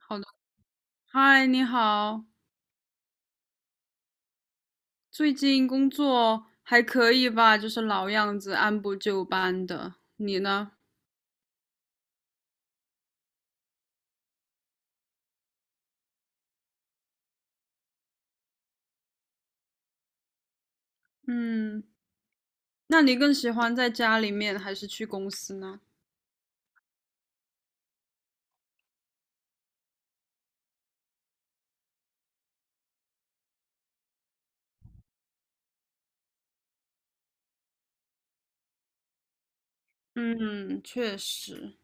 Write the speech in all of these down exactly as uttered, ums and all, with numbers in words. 好的，嗨，你好，最近工作还可以吧？就是老样子，按部就班的。你呢？嗯，那你更喜欢在家里面还是去公司呢？嗯，确实，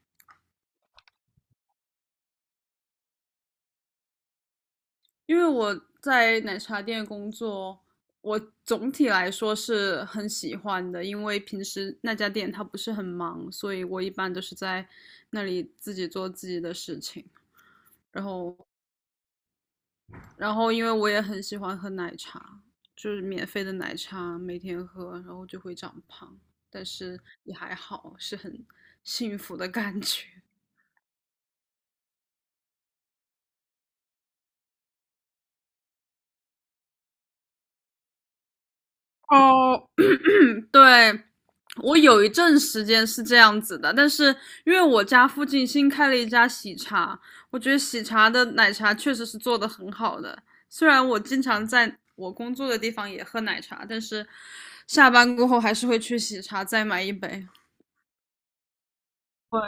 因为我在奶茶店工作，我总体来说是很喜欢的，因为平时那家店它不是很忙，所以我一般都是在那里自己做自己的事情。然后然后因为我也很喜欢喝奶茶，就是免费的奶茶每天喝，然后就会长胖，但是也还好，是很幸福的感觉。哦，对，我有一阵时间是这样子的，但是因为我家附近新开了一家喜茶，我觉得喜茶的奶茶确实是做的很好的。虽然我经常在我工作的地方也喝奶茶，但是下班过后还是会去喜茶再买一杯。对，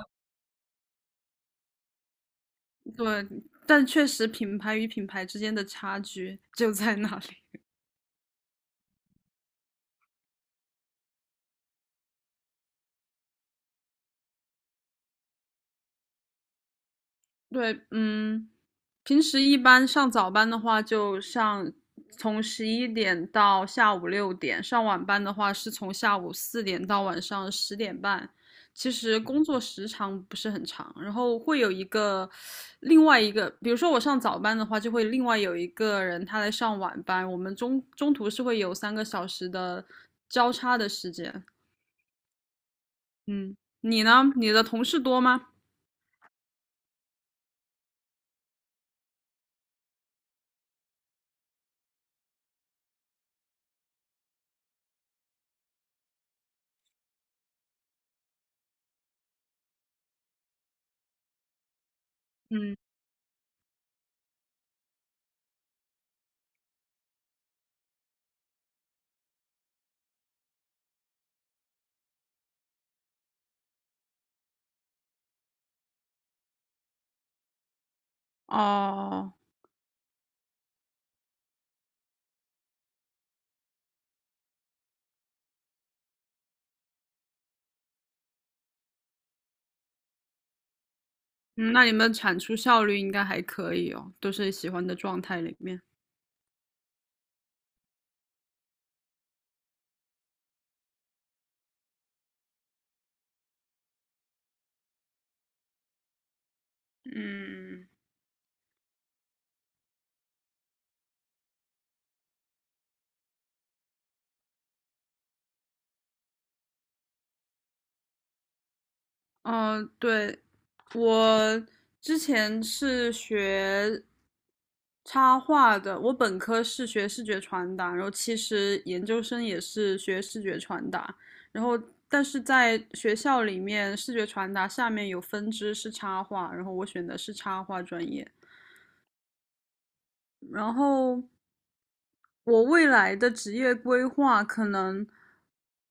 对，但确实品牌与品牌之间的差距就在那里。对，嗯，平时一般上早班的话，就上从十一点到下午六点；上晚班的话，是从下午四点到晚上十点半。其实工作时长不是很长，然后会有一个另外一个，比如说我上早班的话，就会另外有一个人他来上晚班，我们中中途是会有三个小时的交叉的时间。嗯，你呢？你的同事多吗？嗯，哦，嗯，那你们产出效率应该还可以哦，都是喜欢的状态里面。嗯，哦，对，我之前是学插画的，我本科是学视觉传达，然后其实研究生也是学视觉传达，然后但是在学校里面，视觉传达下面有分支是插画，然后我选的是插画专业，然后。我未来的职业规划可能，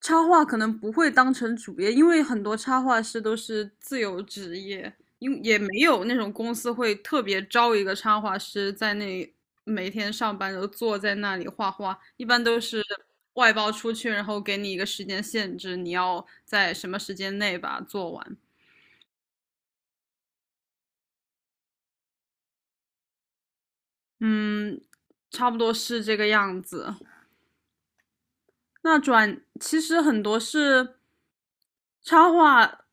插画可能不会当成主业，因为很多插画师都是自由职业，因为也没有那种公司会特别招一个插画师在那每天上班都坐在那里画画，一般都是外包出去，然后给你一个时间限制，你要在什么时间内把它做完。嗯，差不多是这个样子。那转其实很多是插画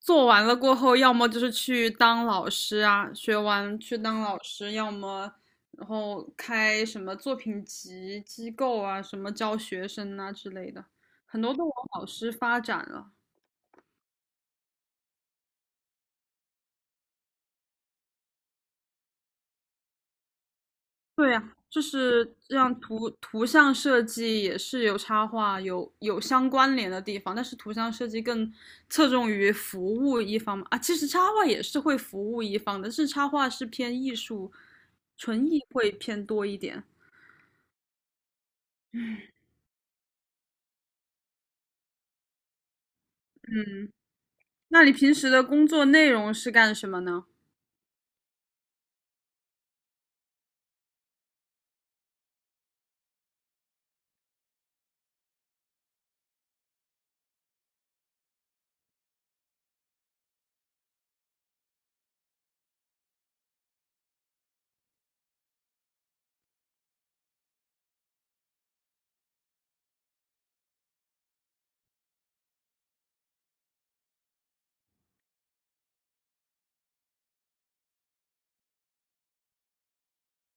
做完了过后，要么就是去当老师啊，学完去当老师，要么然后开什么作品集机构啊，什么教学生啊之类的，很多都往老师发展了。对呀，就是这样图图像设计也是有插画有有相关联的地方，但是图像设计更侧重于服务一方嘛啊，其实插画也是会服务一方的，但是插画是偏艺术，纯艺会偏多一点。嗯，那你平时的工作内容是干什么呢？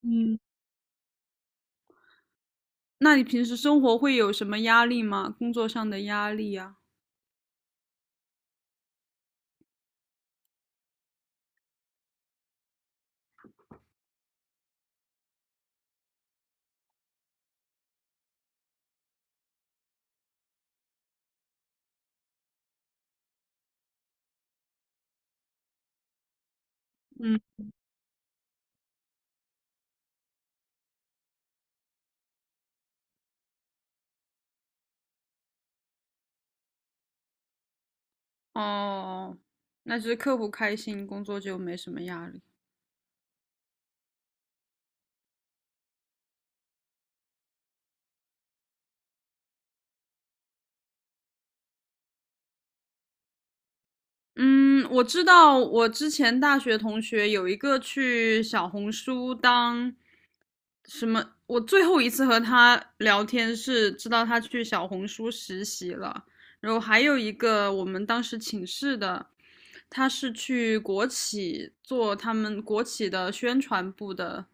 嗯，那你平时生活会有什么压力吗？工作上的压力呀？嗯，哦，那就是客户开心，工作就没什么压力。嗯，我知道，我之前大学同学有一个去小红书当什么，我最后一次和他聊天是知道他去小红书实习了，然后还有一个我们当时寝室的，他是去国企做他们国企的宣传部的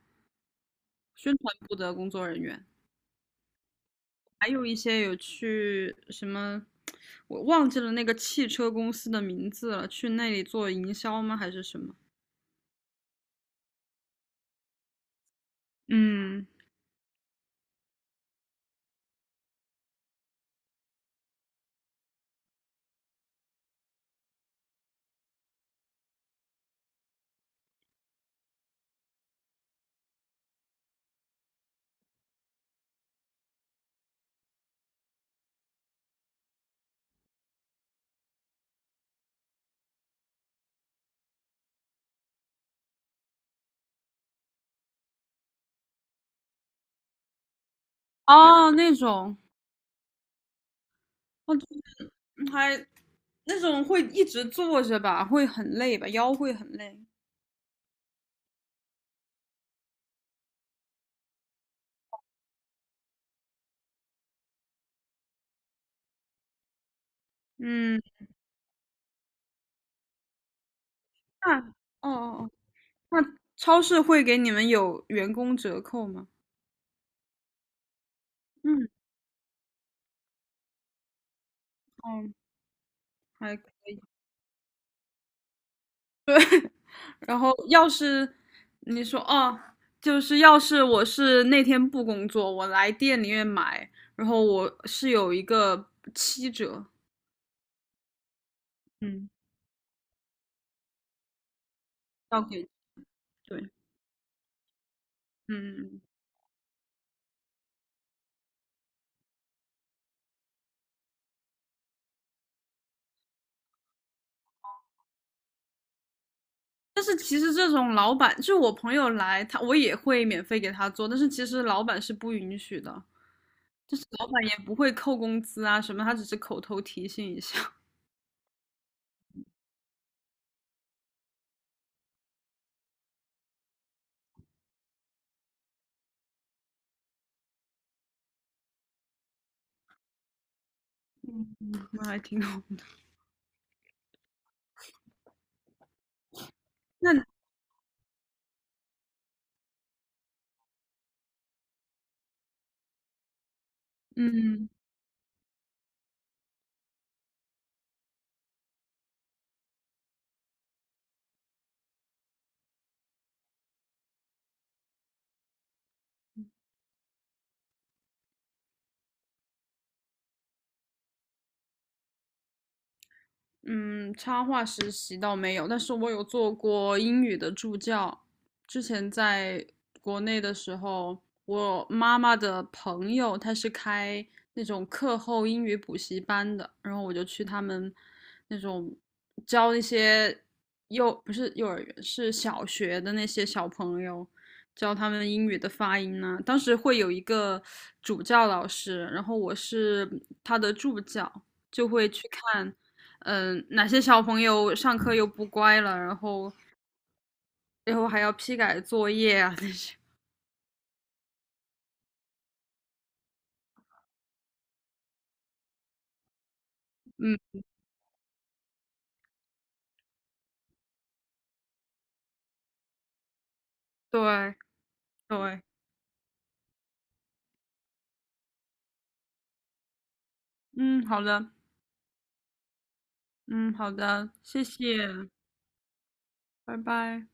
宣传部的工作人员，还有一些有去什么。我忘记了那个汽车公司的名字了，去那里做营销吗？还是什么？嗯，哦，那种，哦，就是嗯还那种会一直坐着吧，会很累吧，腰会很累。嗯，那哦哦哦，那超市会给你们有员工折扣吗？嗯，哦，还，然后要是你说哦，就是要是我是那天不工作，我来店里面买，然后我是有一个七折，嗯，要给，对，嗯嗯嗯。但是其实这种老板，就是我朋友来，他我也会免费给他做，但是其实老板是不允许的，就是老板也不会扣工资啊什么，他只是口头提醒一下，那还挺好。那嗯，嗯，插画实习倒没有，但是我有做过英语的助教。之前在国内的时候，我妈妈的朋友她是开那种课后英语补习班的，然后我就去他们那种教一些幼，不是幼儿园，是小学的那些小朋友，教他们英语的发音呢、啊当时会有一个主教老师，然后我是他的助教，就会去看。嗯、呃哪些小朋友上课又不乖了，然后最后还要批改作业啊那些。嗯，对对，嗯，好的，嗯，好的，谢谢，拜拜。